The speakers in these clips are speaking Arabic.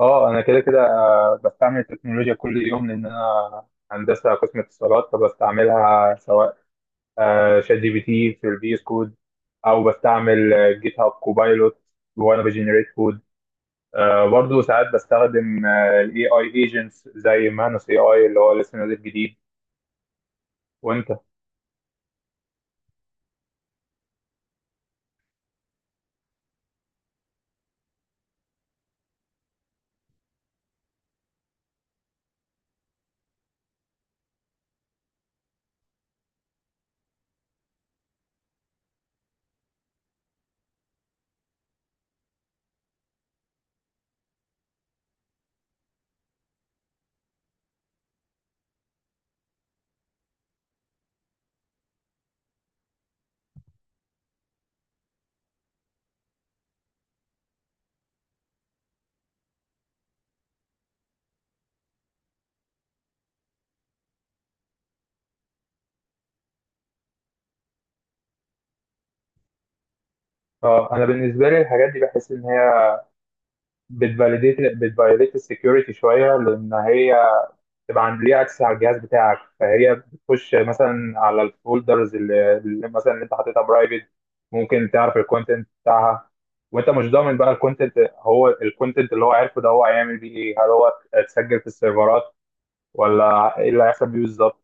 اه انا كده كده بستعمل التكنولوجيا كل يوم لان انا هندسه قسم اتصالات فبستعملها سواء شات جي بي تي في الفي اس كود او بستعمل جيت هاب كوبايلوت وانا بجنريت كود، برضه ساعات بستخدم الاي اي ايجنتس زي مانوس اي اي اللي هو لسه نازل جديد. وانت؟ اه انا بالنسبه لي الحاجات دي بحس ان هي بتفاليديت السكيورتي شويه، لان هي تبقى عند ليها اكسس على الجهاز بتاعك، فهي بتخش مثلا على الفولدرز اللي مثلا اللي انت حاططها برايفت، ممكن تعرف الكونتنت بتاعها. وانت مش ضامن بقى الكونتنت، هو الكونتنت اللي هو عارفه ده هو هيعمل بيه ايه؟ هل هو اتسجل في السيرفرات ولا ايه اللي هيحصل بيه بالظبط؟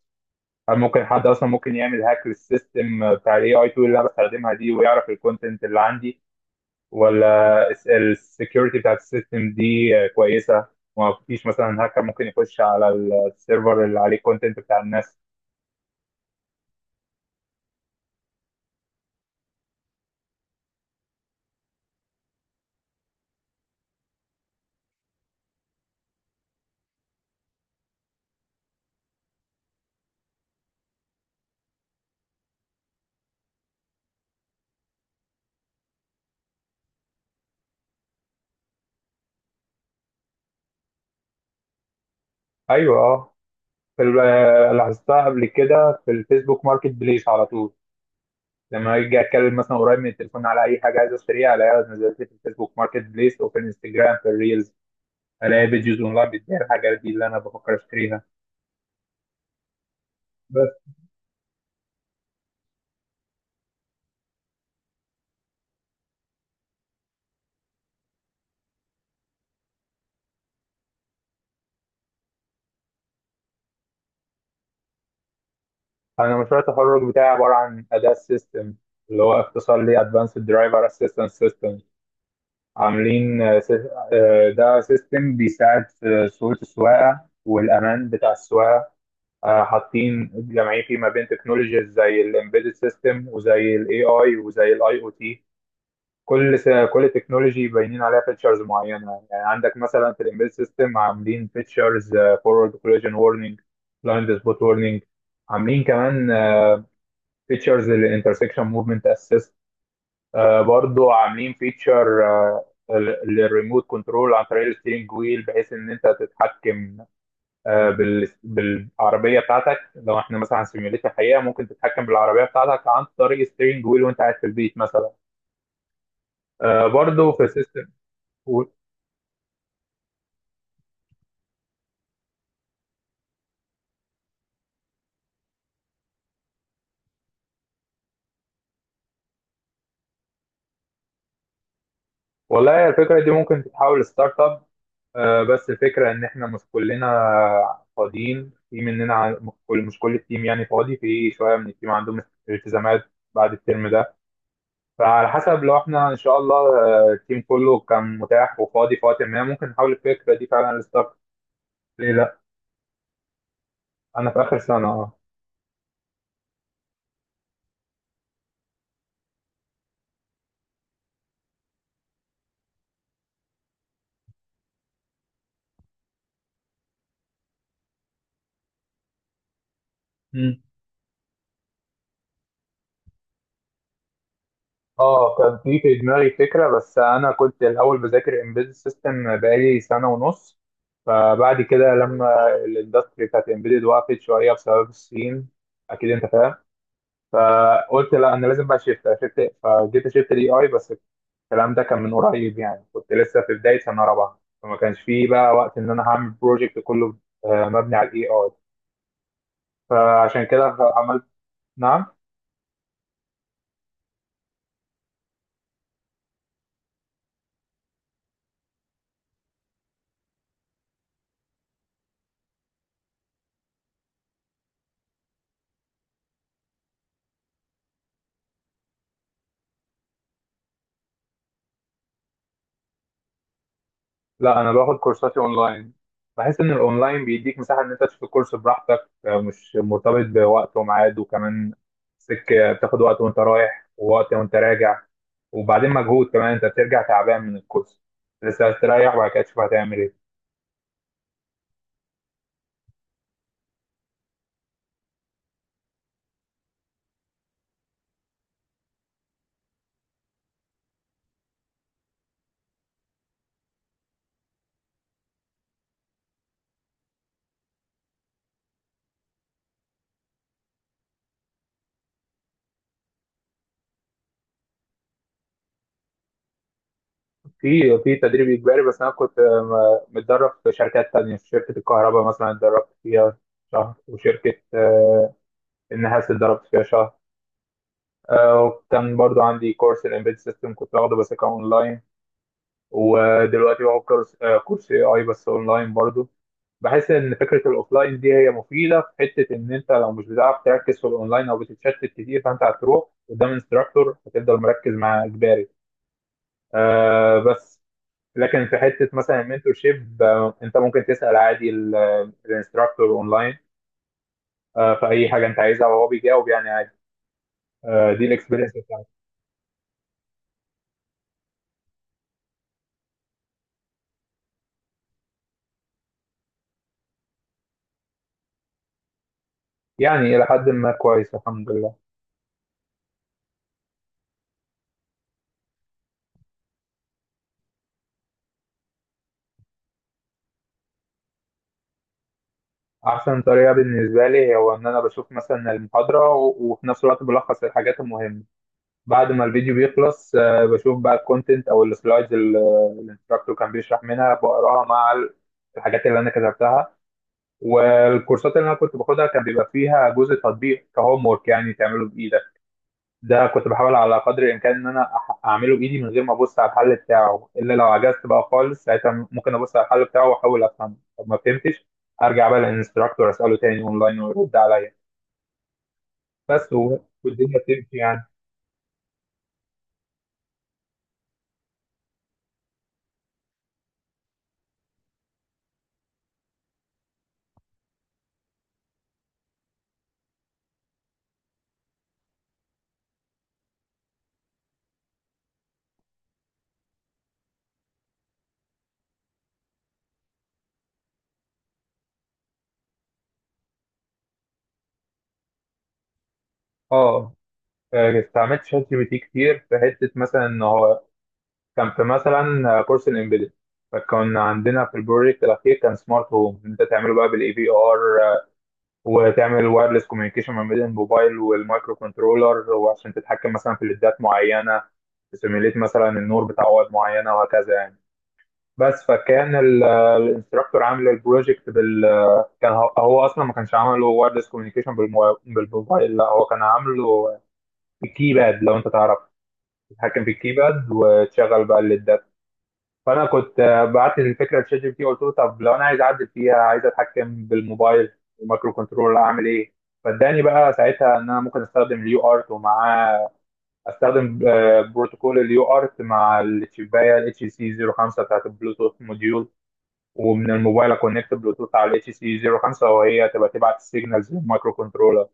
هل ممكن حد اصلا ممكن يعمل هاك للسيستم بتاع الاي اي تول اللي انا بستخدمها دي ويعرف الكونتنت اللي عندي، ولا السكيورتي بتاعت السيستم دي كويسه؟ ما فيش مثلا هاكر ممكن يخش على السيرفر اللي عليه كونتنت بتاع الناس؟ ايوه، اه. في لاحظتها قبل كده في الفيسبوك ماركت بليس، على طول لما اجي اتكلم مثلا قريب من التليفون على اي حاجه عايز اشتريها الاقيها نزلت لي في الفيسبوك ماركت بليس او في الانستجرام في الريلز، الاقي فيديوز اونلاين بتبيع الحاجات دي اللي انا بفكر اشتريها. بس انا مشروع التخرج بتاعي عباره عن اداه سيستم، اللي هو اختصار لي ادفانسد درايفر اسيستنس سيستم. عاملين ده سيستم بيساعد في صورة السواقة والأمان بتاع السواقة. حاطين جمعيه فيه ما بين تكنولوجيز زي الامبيدد سيستم وزي الاي اي وزي الاي او تي. كل تكنولوجي باينين عليها فيتشرز معينه، يعني عندك مثلا في الامبيدد سيستم عاملين فيتشرز فورورد كولlision وورنينج، بلايند سبوت وورنينج، عاملين كمان فيتشرز للانترسكشن موفمنت اسيست. برضو عاملين فيتشر للريموت كنترول عن طريق الستيرنج ويل بحيث ان انت تتحكم بالعربيه بتاعتك. لو احنا مثلا هنسيميوليت الحقيقه، ممكن تتحكم بالعربيه بتاعتك عن طريق الستيرنج ويل وانت قاعد في البيت مثلا. برضو في السيستم. والله الفكره دي ممكن تتحول لستارت اب، بس الفكره ان احنا مش كلنا فاضيين. في مننا مش كل التيم يعني فاضي، في شويه من التيم عندهم التزامات بعد الترم ده. فعلى حسب، لو احنا ان شاء الله التيم كله كان متاح وفاضي في وقت ما، ممكن نحاول الفكره دي فعلا للستارت. ليه لا؟ انا في اخر سنه، اه. مم. اه كان في دماغي فكره، بس انا كنت الاول بذاكر امبيد سيستم بقالي سنه ونص. فبعد كده لما الاندستري بتاعت امبيدد وقفت شويه بسبب الصين، اكيد انت فاهم، فقلت لا، انا لازم بقى شيفت فجيت شيفت الاي اي. بس الكلام ده كان من قريب، يعني كنت لسه في بداية سنة رابعة، فما كانش فيه بقى وقت إن أنا هعمل بروجكت كله مبني على الإي آي. فعشان كده عملت. نعم؟ لا، أنا باخد كورساتي أونلاين. بحس إن الأونلاين بيديك مساحة إن أنت تشوف الكورس براحتك، مش مرتبط بوقت وميعاد. وكمان سكة بتاخد وقت وأنت رايح ووقت وأنت راجع، وبعدين مجهود كمان، أنت بترجع تعبان من الكورس لسه هتريح وبعد كده تشوف هتعمل إيه. في تدريب اجباري، بس انا كنت متدرب في شركات تانية. في شركه الكهرباء مثلا اتدربت فيها شهر، وشركه النحاس اتدربت فيها شهر. وكان برضو عندي كورس الامبيد سيستم كنت باخده بس كان اونلاين. ودلوقتي باخد كورس اي اي بس اونلاين برضو. بحس ان فكره الاوفلاين دي هي مفيده في حته ان انت لو مش بتعرف تركز في الاونلاين او بتتشتت كتير، فانت هتروح قدام انستراكتور هتفضل مركز مع اجباري. بس لكن في حته مثلا المنتور شيب، انت ممكن تسال عادي الانستراكتور اونلاين في اي حاجه انت عايزها، وهو بيجاوب يعني عادي. دي الاكسبيرينس بتاعتي. يعني الى حد ما كويس، الحمد لله. احسن طريقه بالنسبه لي هو ان انا بشوف مثلا المحاضره وفي نفس الوقت بلخص الحاجات المهمه. بعد ما الفيديو بيخلص بشوف بقى الكونتنت او السلايدز اللي الانستراكتور كان بيشرح منها، بقراها مع الحاجات اللي انا كتبتها. والكورسات اللي انا كنت باخدها كان بيبقى فيها جزء تطبيق كهوم ورك يعني تعمله بايدك. ده كنت بحاول على قدر الامكان ان انا اعمله بايدي من غير ما ابص على الحل بتاعه، الا لو عجزت بقى خالص، ساعتها ممكن ابص على الحل بتاعه واحاول افهمه. طب ما فهمتش ارجع بقى للانستراكتور اساله تاني اونلاين ويرد عليا. بس والدنيا بتمشي يعني. اه، استعملت شات جي بي تي كتير في حته مثلا ان هو كان في مثلا كورس الامبيدد. فكان عندنا في البروجكت الاخير كان سمارت هوم، انت تعمله بقى بالاي بي ار، وتعمل وايرلس كوميونيكيشن ما بين الموبايل والمايكرو كنترولر، وعشان تتحكم مثلا في ليدات معينه، تسيميليت مثلا النور بتاع واد معينه وهكذا يعني. بس فكان الانستراكتور عامل البروجكت كان هو اصلا ما كانش عامله وايرلس كوميونيكيشن بالموبايل، لا، هو كان عامله الكيباد لو انت تعرف، تتحكم في الكيباد وتشغل بقى الليدات. فانا كنت بعت الفكره لشات جي بي تي، قلت له طب لو انا عايز اعدل فيها عايز اتحكم بالموبايل والمايكرو كنترولر اعمل ايه؟ فاداني بقى ساعتها ان انا ممكن استخدم اليو ارت، ومعاه استخدم بروتوكول اليو ارت مع الشبايه الاتش سي 05 بتاعت البلوتوث موديول. ومن الموبايل اكونكت بلوتوث على الاتش سي 05، وهي تبقى تبعت السيجنالز للمايكرو كنترولر.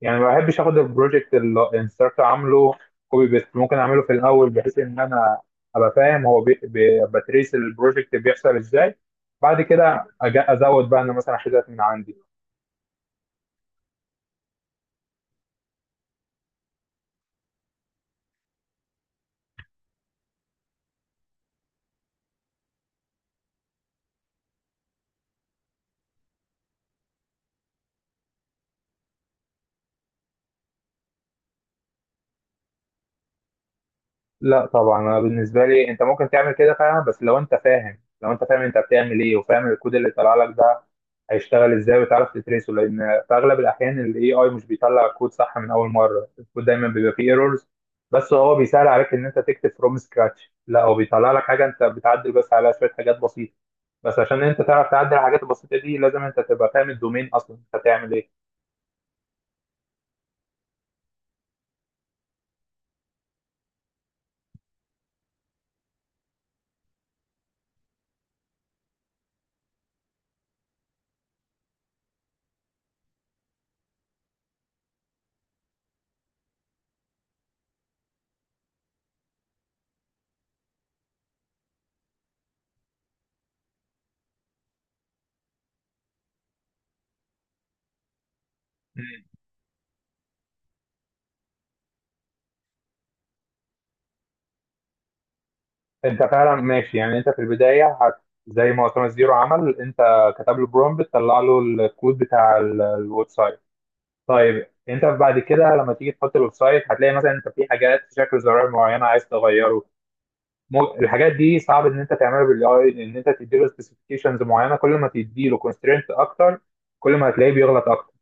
يعني ما بحبش اخد البروجكت اللي الانستراكتور عامله كوبي بيست. ممكن اعمله في الاول بحيث ان انا ابقى فاهم هو بتريس البروجكت بيحصل ازاي، بعد كده ازود بقى انا مثلا حاجات من عندي. لا طبعا، انا بالنسبه لي انت ممكن تعمل كده فعلا بس لو انت فاهم. لو انت فاهم انت بتعمل ايه وفاهم الكود اللي طلع لك ده هيشتغل ازاي وتعرف تتريسه، لان في اغلب الاحيان الاي اي مش بيطلع كود صح من اول مره، الكود دايما بيبقى فيه ايرورز. بس هو بيسهل عليك ان انت تكتب فروم سكراتش، لا هو بيطلع لك حاجه انت بتعدل بس على شويه حاجات بسيطه. بس عشان انت تعرف تعدل الحاجات البسيطه دي لازم انت تبقى فاهم الدومين اصلا انت هتعمل ايه. مم. انت فعلا ماشي، يعني انت في البدايه زي ما اسامه زيرو عمل، انت كتب له برومبت، طلع له الكود بتاع الويب سايت. طيب انت بعد كده لما تيجي تحط الويب سايت هتلاقي مثلا انت في حاجات في شكل زرار معين عايز تغيره. الحاجات دي صعب ان انت تعملها بالاي. ان انت تديله سبيسيفيكيشنز معينه، كل ما تديله كونسترينت اكتر كل ما هتلاقيه بيغلط اكتر.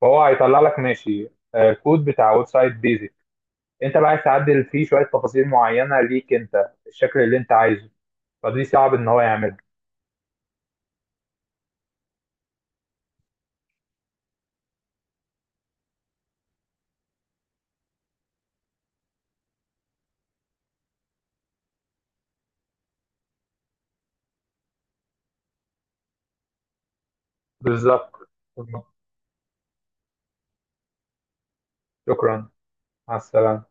فهو هيطلع لك ماشي كود بتاع ويب سايت بيزك، انت بقى عايز تعدل فيه شويه تفاصيل معينه ليك انت الشكل اللي انت عايزه، فدي صعب ان هو يعملها. بالظبط. شكرا. مع السلامه.